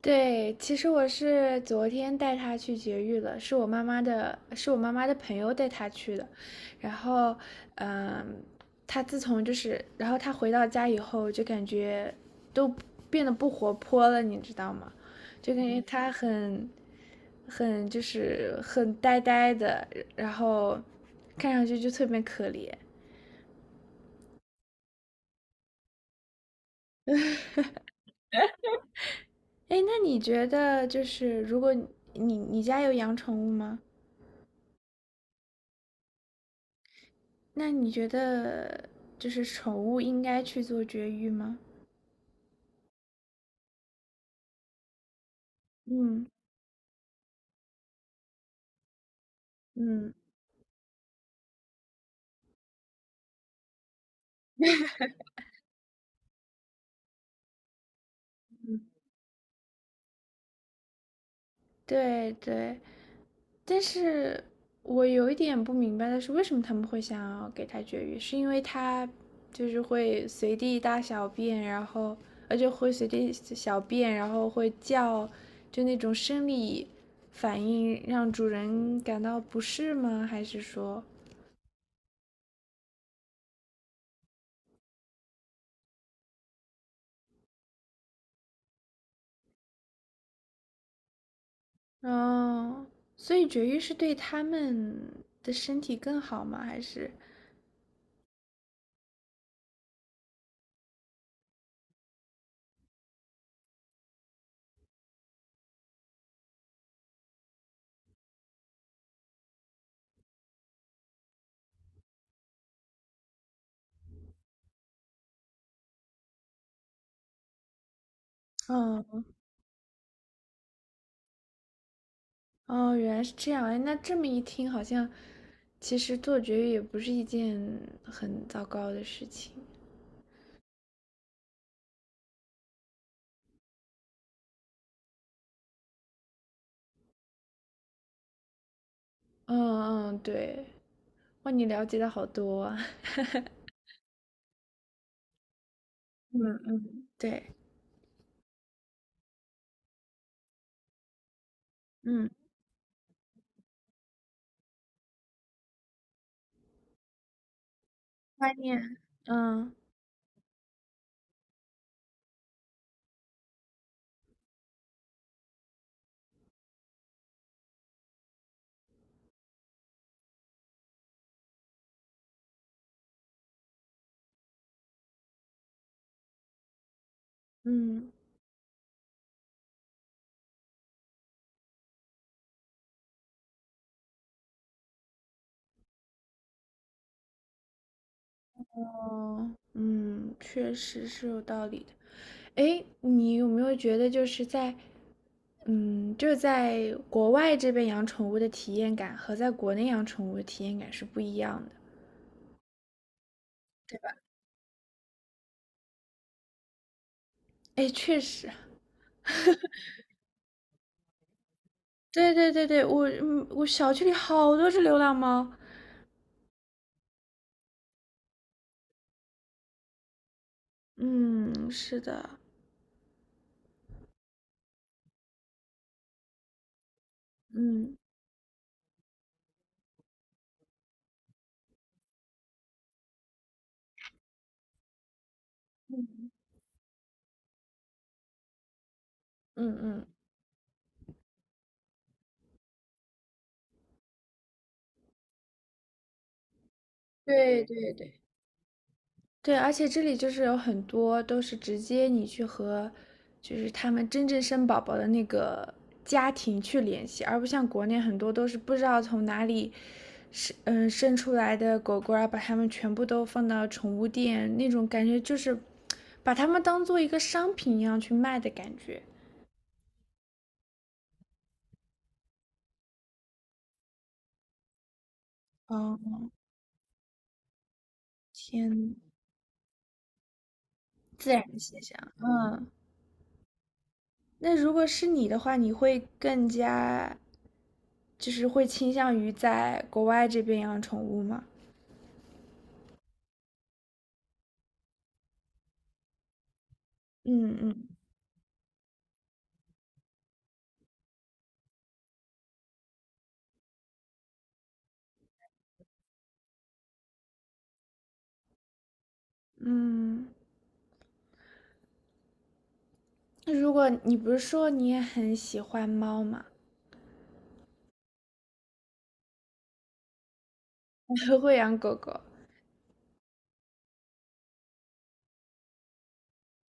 对，其实我是昨天带它去绝育了，是我妈妈的朋友带它去的。然后，嗯，它自从就是，然后它回到家以后，就感觉都变得不活泼了，你知道吗？就感觉它很就是很呆呆的，然后看上去就特别可怜。哎，那你觉得就是如果你家有养宠物吗？那你觉得就是宠物应该去做绝育吗？嗯嗯，对对，但是我有一点不明白的是，为什么他们会想要给它绝育？是因为它就是会随地大小便，然后而且会随地小便，然后会叫，就那种生理反应让主人感到不适吗？还是说，哦，所以绝育是对他们的身体更好吗？还是，哦哦，原来是这样。哎，那这么一听，好像其实做绝育也不是一件很糟糕的事情。嗯嗯，对，哇，你了解的好多啊。嗯嗯，对，嗯，观念，嗯嗯，哦，嗯，确实是有道理的。诶，你有没有觉得就是在，嗯，就是在国外这边养宠物的体验感和在国内养宠物的体验感是不一样的？诶，确实，对对对对，我小区里好多只流浪猫。嗯，是的，嗯嗯嗯，对对对。对，而且这里就是有很多都是直接你去和，就是他们真正生宝宝的那个家庭去联系，而不像国内很多都是不知道从哪里生出来的狗狗，啊，把它们全部都放到宠物店，那种感觉就是把它们当做一个商品一样去卖的感觉。哦，天，自然现象。嗯，那如果是你的话，你会更加就是会倾向于在国外这边养宠物吗？嗯嗯嗯，那如果你不是说你也很喜欢猫吗？我会养狗狗，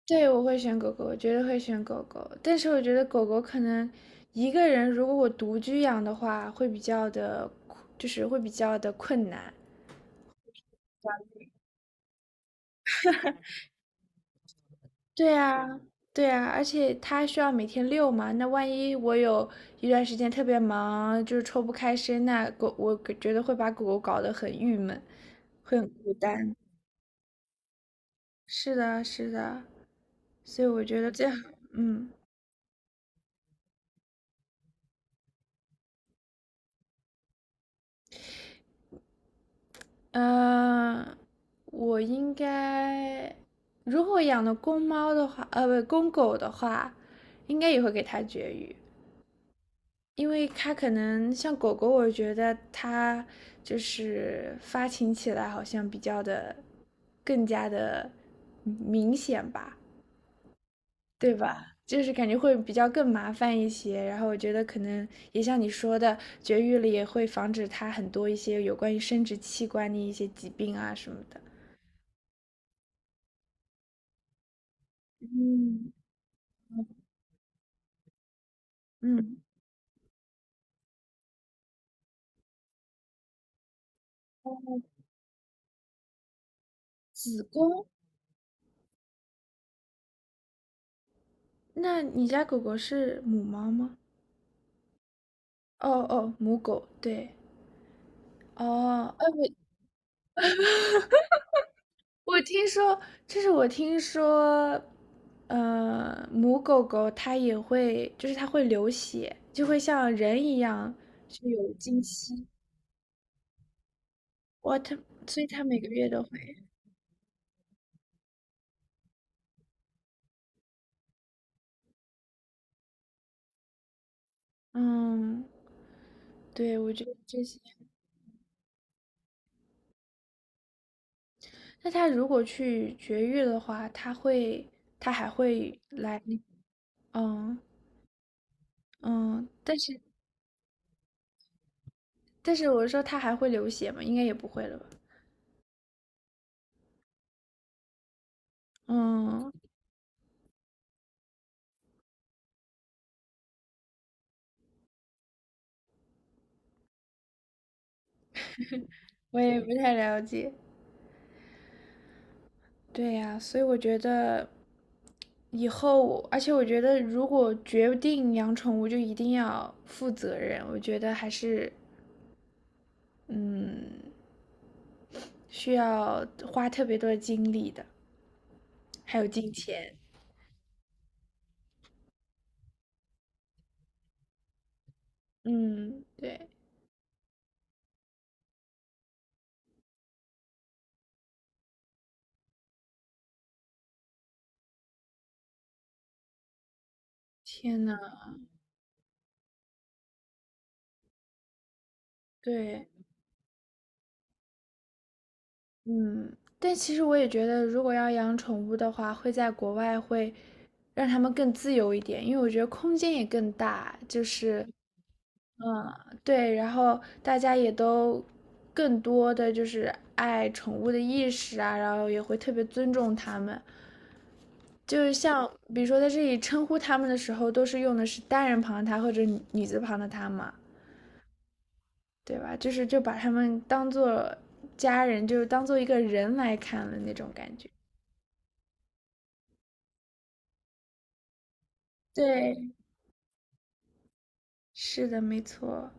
对，我会选狗狗，我绝对会选狗狗。但是我觉得狗狗可能一个人，如果我独居养的话，会比较的，就是会比较的困难。对啊，对啊，而且它需要每天遛嘛，那万一我有一段时间特别忙，就是抽不开身，那狗我觉得会把狗狗搞得很郁闷，会很孤单。是的，是的。所以我觉得这样，嗯，呃，我应该，如果养的公猫的话，不，公狗的话，应该也会给它绝育，因为它可能像狗狗，我觉得它就是发情起来好像比较的更加的明显吧，对吧？就是感觉会比较更麻烦一些，然后我觉得可能也像你说的，绝育了也会防止它很多一些有关于生殖器官的一些疾病啊什么的。嗯，嗯，那你家狗狗是母猫吗？哦哦，母狗，对，哦，哎，我听说，就是我听说，母狗狗它也会，就是它会流血，就会像人一样，就有经期。哇，它，所以它每个月都嗯，对，我觉得这些，那他如果去绝育的话，他会，他还会来那嗯嗯，但是我说他还会流血吗？应该也不会了吧？嗯，我也不太了解。对呀，所以我觉得以后我而且我觉得如果决定养宠物，就一定要负责任。我觉得还是嗯，需要花特别多的精力的，还有金钱。嗯，对。天呐，对，嗯，但其实我也觉得，如果要养宠物的话，会在国外会让它们更自由一点，因为我觉得空间也更大，就是，嗯，对，然后大家也都更多的就是爱宠物的意识啊，然后也会特别尊重它们，就是像比如说在这里称呼它们的时候，都是用的是单人旁的它或者女字旁的它嘛，对吧？就是就把他们当做家人，就是当做一个人来看了那种感觉。对，是的，没错。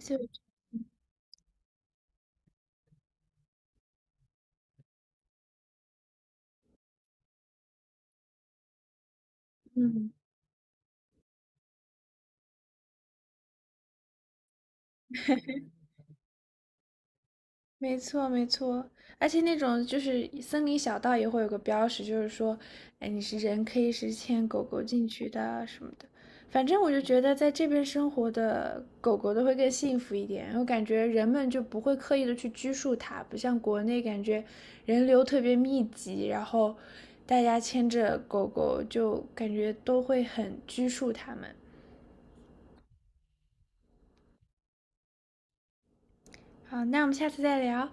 就嗯。没错，没错，而且那种就是森林小道也会有个标识，就是说，哎，你是人可以是牵狗狗进去的啊什么的。反正我就觉得在这边生活的狗狗都会更幸福一点，我感觉人们就不会刻意的去拘束它，不像国内感觉人流特别密集，然后大家牵着狗狗就感觉都会很拘束它们。好，那我们下次再聊。